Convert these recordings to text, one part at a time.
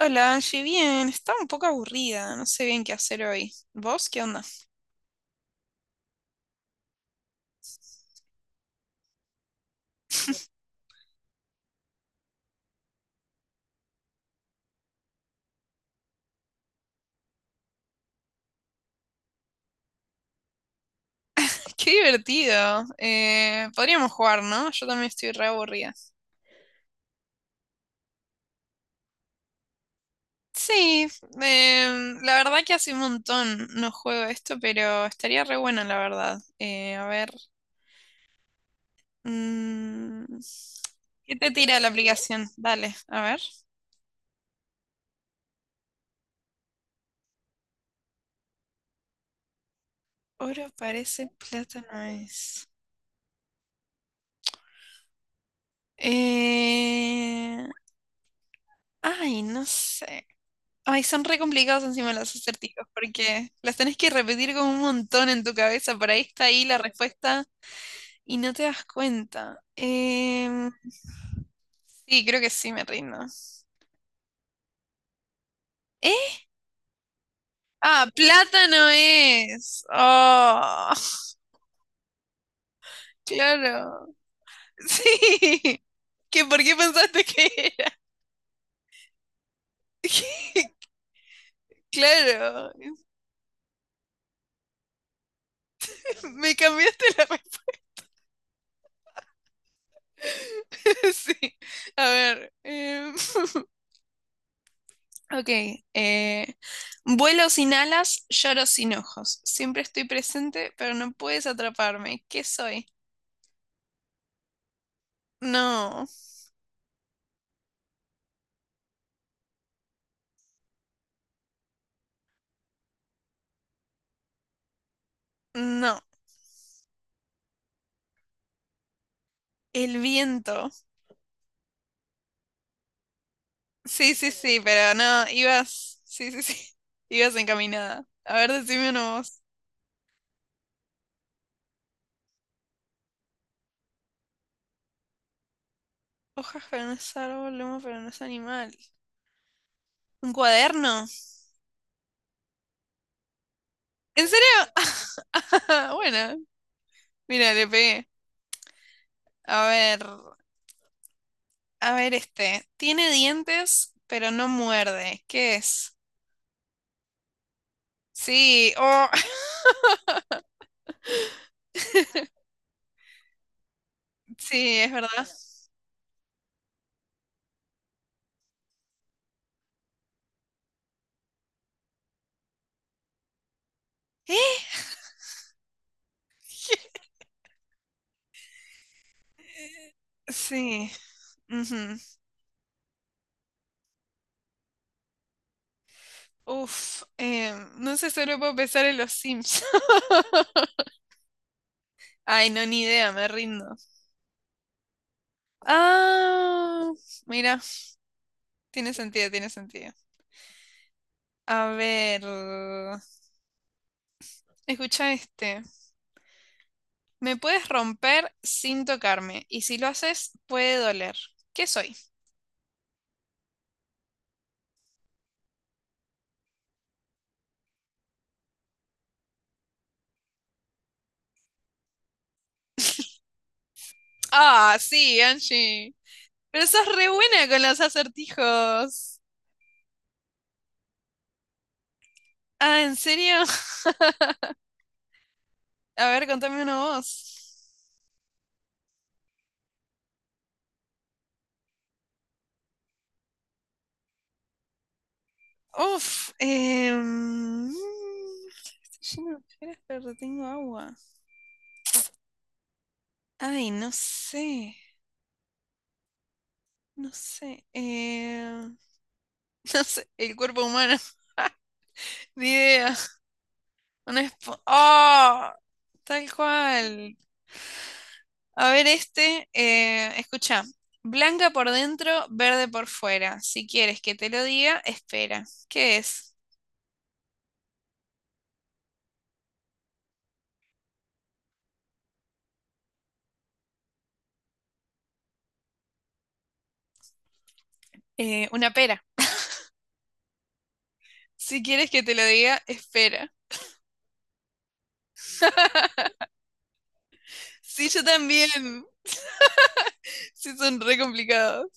Hola, Angie, bien, estaba un poco aburrida, no sé bien qué hacer hoy. ¿Vos qué onda? Qué divertido. Podríamos jugar, ¿no? Yo también estoy re aburrida. Sí, la verdad que hace un montón no juego esto, pero estaría re bueno, la verdad. A ver, mm, ¿qué te tira la aplicación? Dale, a ver. Oro parece, plata no es. Eh, ay, no sé. Ay, son re complicados encima los acertijos porque las tenés que repetir como un montón en tu cabeza. Por ahí está ahí la respuesta y no te das cuenta. Sí, creo que sí me rindo. ¿Eh? Ah, plátano es. Oh, claro. Sí. ¿Qué, por qué pensaste que era? Claro. Me cambiaste la respuesta. Sí. A ver. Ok, eh, vuelo sin alas, lloro sin ojos. Siempre estoy presente, pero no puedes atraparme. ¿Qué soy? No, no, el viento. Sí, sí, sí, pero no, ibas, sí, sí, sí, ibas encaminada. A ver, decime uno vos. Hojas, pero no es árbol, lomo, pero no es animal. ¿Un cuaderno? ¿En serio? Bueno, mira, le pegué. A ver, a ver este. Tiene dientes, pero no muerde. ¿Qué es? Sí, oh, sí, es verdad. ¿Eh? Sí. Ujú. Uf, no sé, solo puedo pensar en los Sims. Ay, no, ni idea, me rindo. Ah, mira, tiene sentido, tiene sentido. A ver, escucha este. Me puedes romper sin tocarme, y si lo haces, puede doler. ¿Qué soy? Ah, sí, Angie. Pero sos re buena con los acertijos. Ah, ¿en serio? A ver, contame una voz. Uf, estoy lleno de ojeras, pero tengo agua. Ay, no sé, no sé. No sé, el cuerpo humano. Ni idea. Una espo- ¡Ah! Tal cual. A ver, este, escucha. Blanca por dentro, verde por fuera. Si quieres que te lo diga, espera. ¿Qué es? Una pera. Si quieres que te lo diga, espera. Sí, yo también. Sí, son re complicados.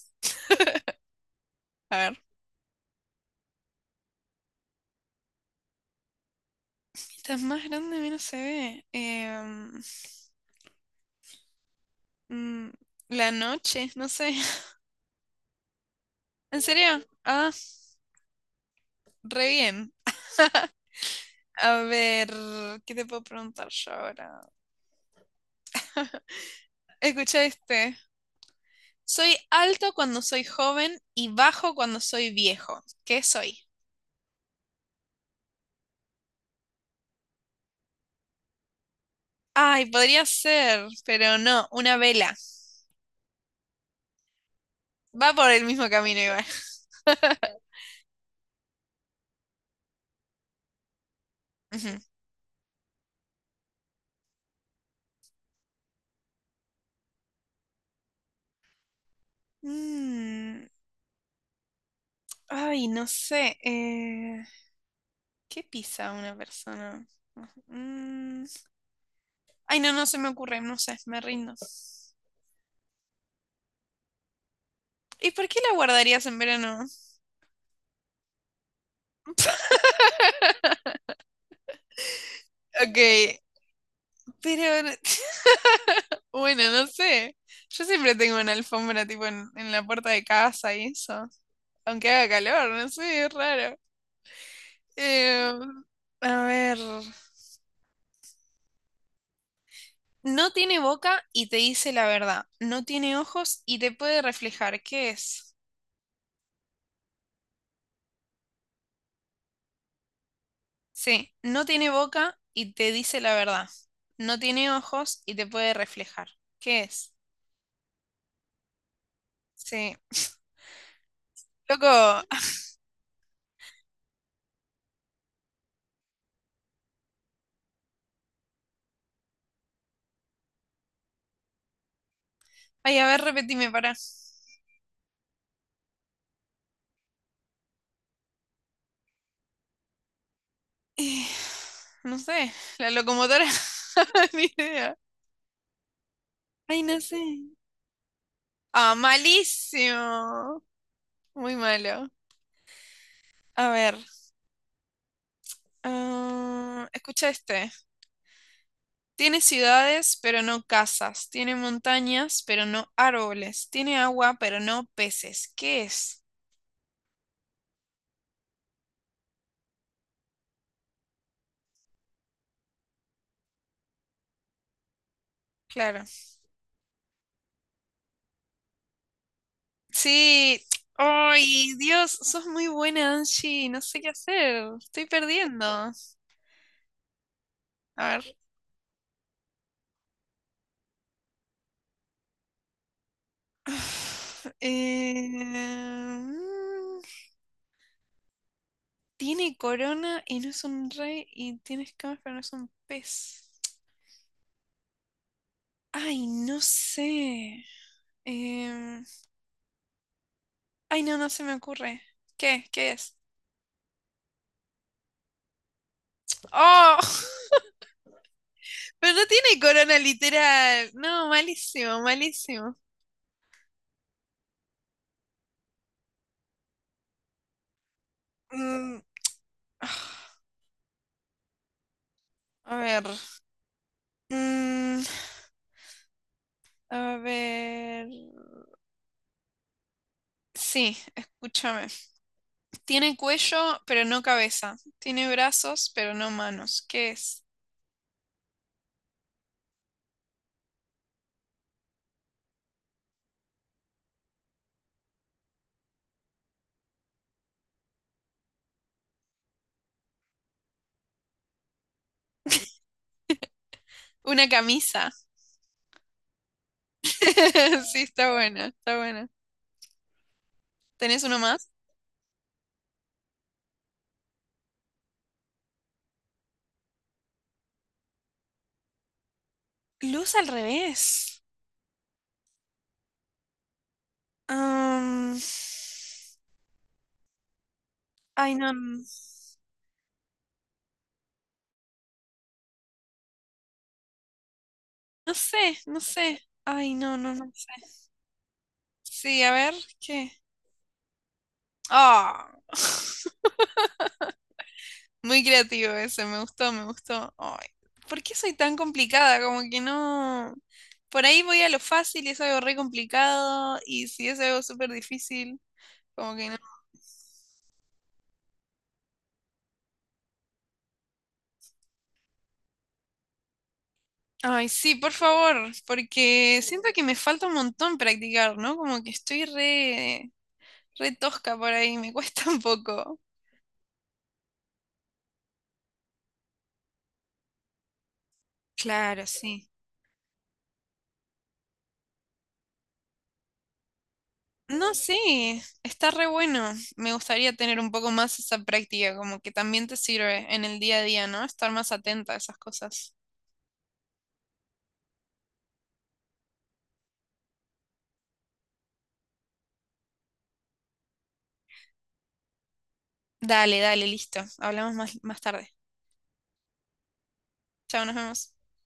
A ver. Mientras más grande, menos se ve. Mm, la noche, no sé. ¿En serio? Ah, re bien. A ver, ¿qué te puedo preguntar yo ahora? Escucha este. Soy alto cuando soy joven y bajo cuando soy viejo. ¿Qué soy? Ay, podría ser, pero no, una vela. Va por el mismo camino igual. Ujú. Mm, Ay, no sé. ¿Qué pisa una persona? Mm, Ay, no, no se me ocurre, no sé, me rindo. ¿Y por qué la guardarías en verano? Ok, pero bueno, no sé. Yo siempre tengo una alfombra tipo en, la puerta de casa y eso. Aunque haga calor, no sé, es raro. Eh, a ver. No tiene boca y te dice la verdad. No tiene ojos y te puede reflejar. ¿Qué es? Sí, no tiene boca y te dice la verdad. No tiene ojos y te puede reflejar. ¿Qué es? Sí. Loco. Ay, a ver, repetime, para. Eh, no sé. La locomotora. Ni idea. Ay, no sé. Ah, malísimo. Muy malo. A ver. Escucha este. Tiene ciudades, pero no casas. Tiene montañas, pero no árboles. Tiene agua, pero no peces. ¿Qué es? Claro. Sí, ay, Dios, sos muy buena, Angie, no sé qué hacer, estoy perdiendo. A ver. Eh, mm, Tiene corona y no es un rey y tiene escamas pero no es un pez. Ay, no sé. Em, Ay, no, no se me ocurre. ¿Qué? ¿Qué es? ¡Oh! Pero no tiene corona literal. No, malísimo, malísimo. Mm, a ver. Mm, A ver. Sí, escúchame. Tiene cuello, pero no cabeza. Tiene brazos, pero no manos. ¿Qué es? Una camisa. Sí, está buena, está buena. ¿Tenés uno más? Luz al revés. Am, Ay, no. n- No sé, no sé. Ay, no, no, no sé. Sí, a ver, ¿qué? Ah. Muy creativo ese, me gustó, me gustó. Ay, ¿por qué soy tan complicada? Como que no. Por ahí voy a lo fácil y es algo re complicado. Y si es algo súper difícil, como que no. Ay, sí, por favor, porque siento que me falta un montón practicar, ¿no? Como que estoy re, re tosca por ahí, me cuesta un poco. Claro, sí. No, sí, está re bueno. Me gustaría tener un poco más esa práctica, como que también te sirve en el día a día, ¿no? Estar más atenta a esas cosas. Dale, dale, listo. Hablamos más, más tarde. Chao, nos vemos.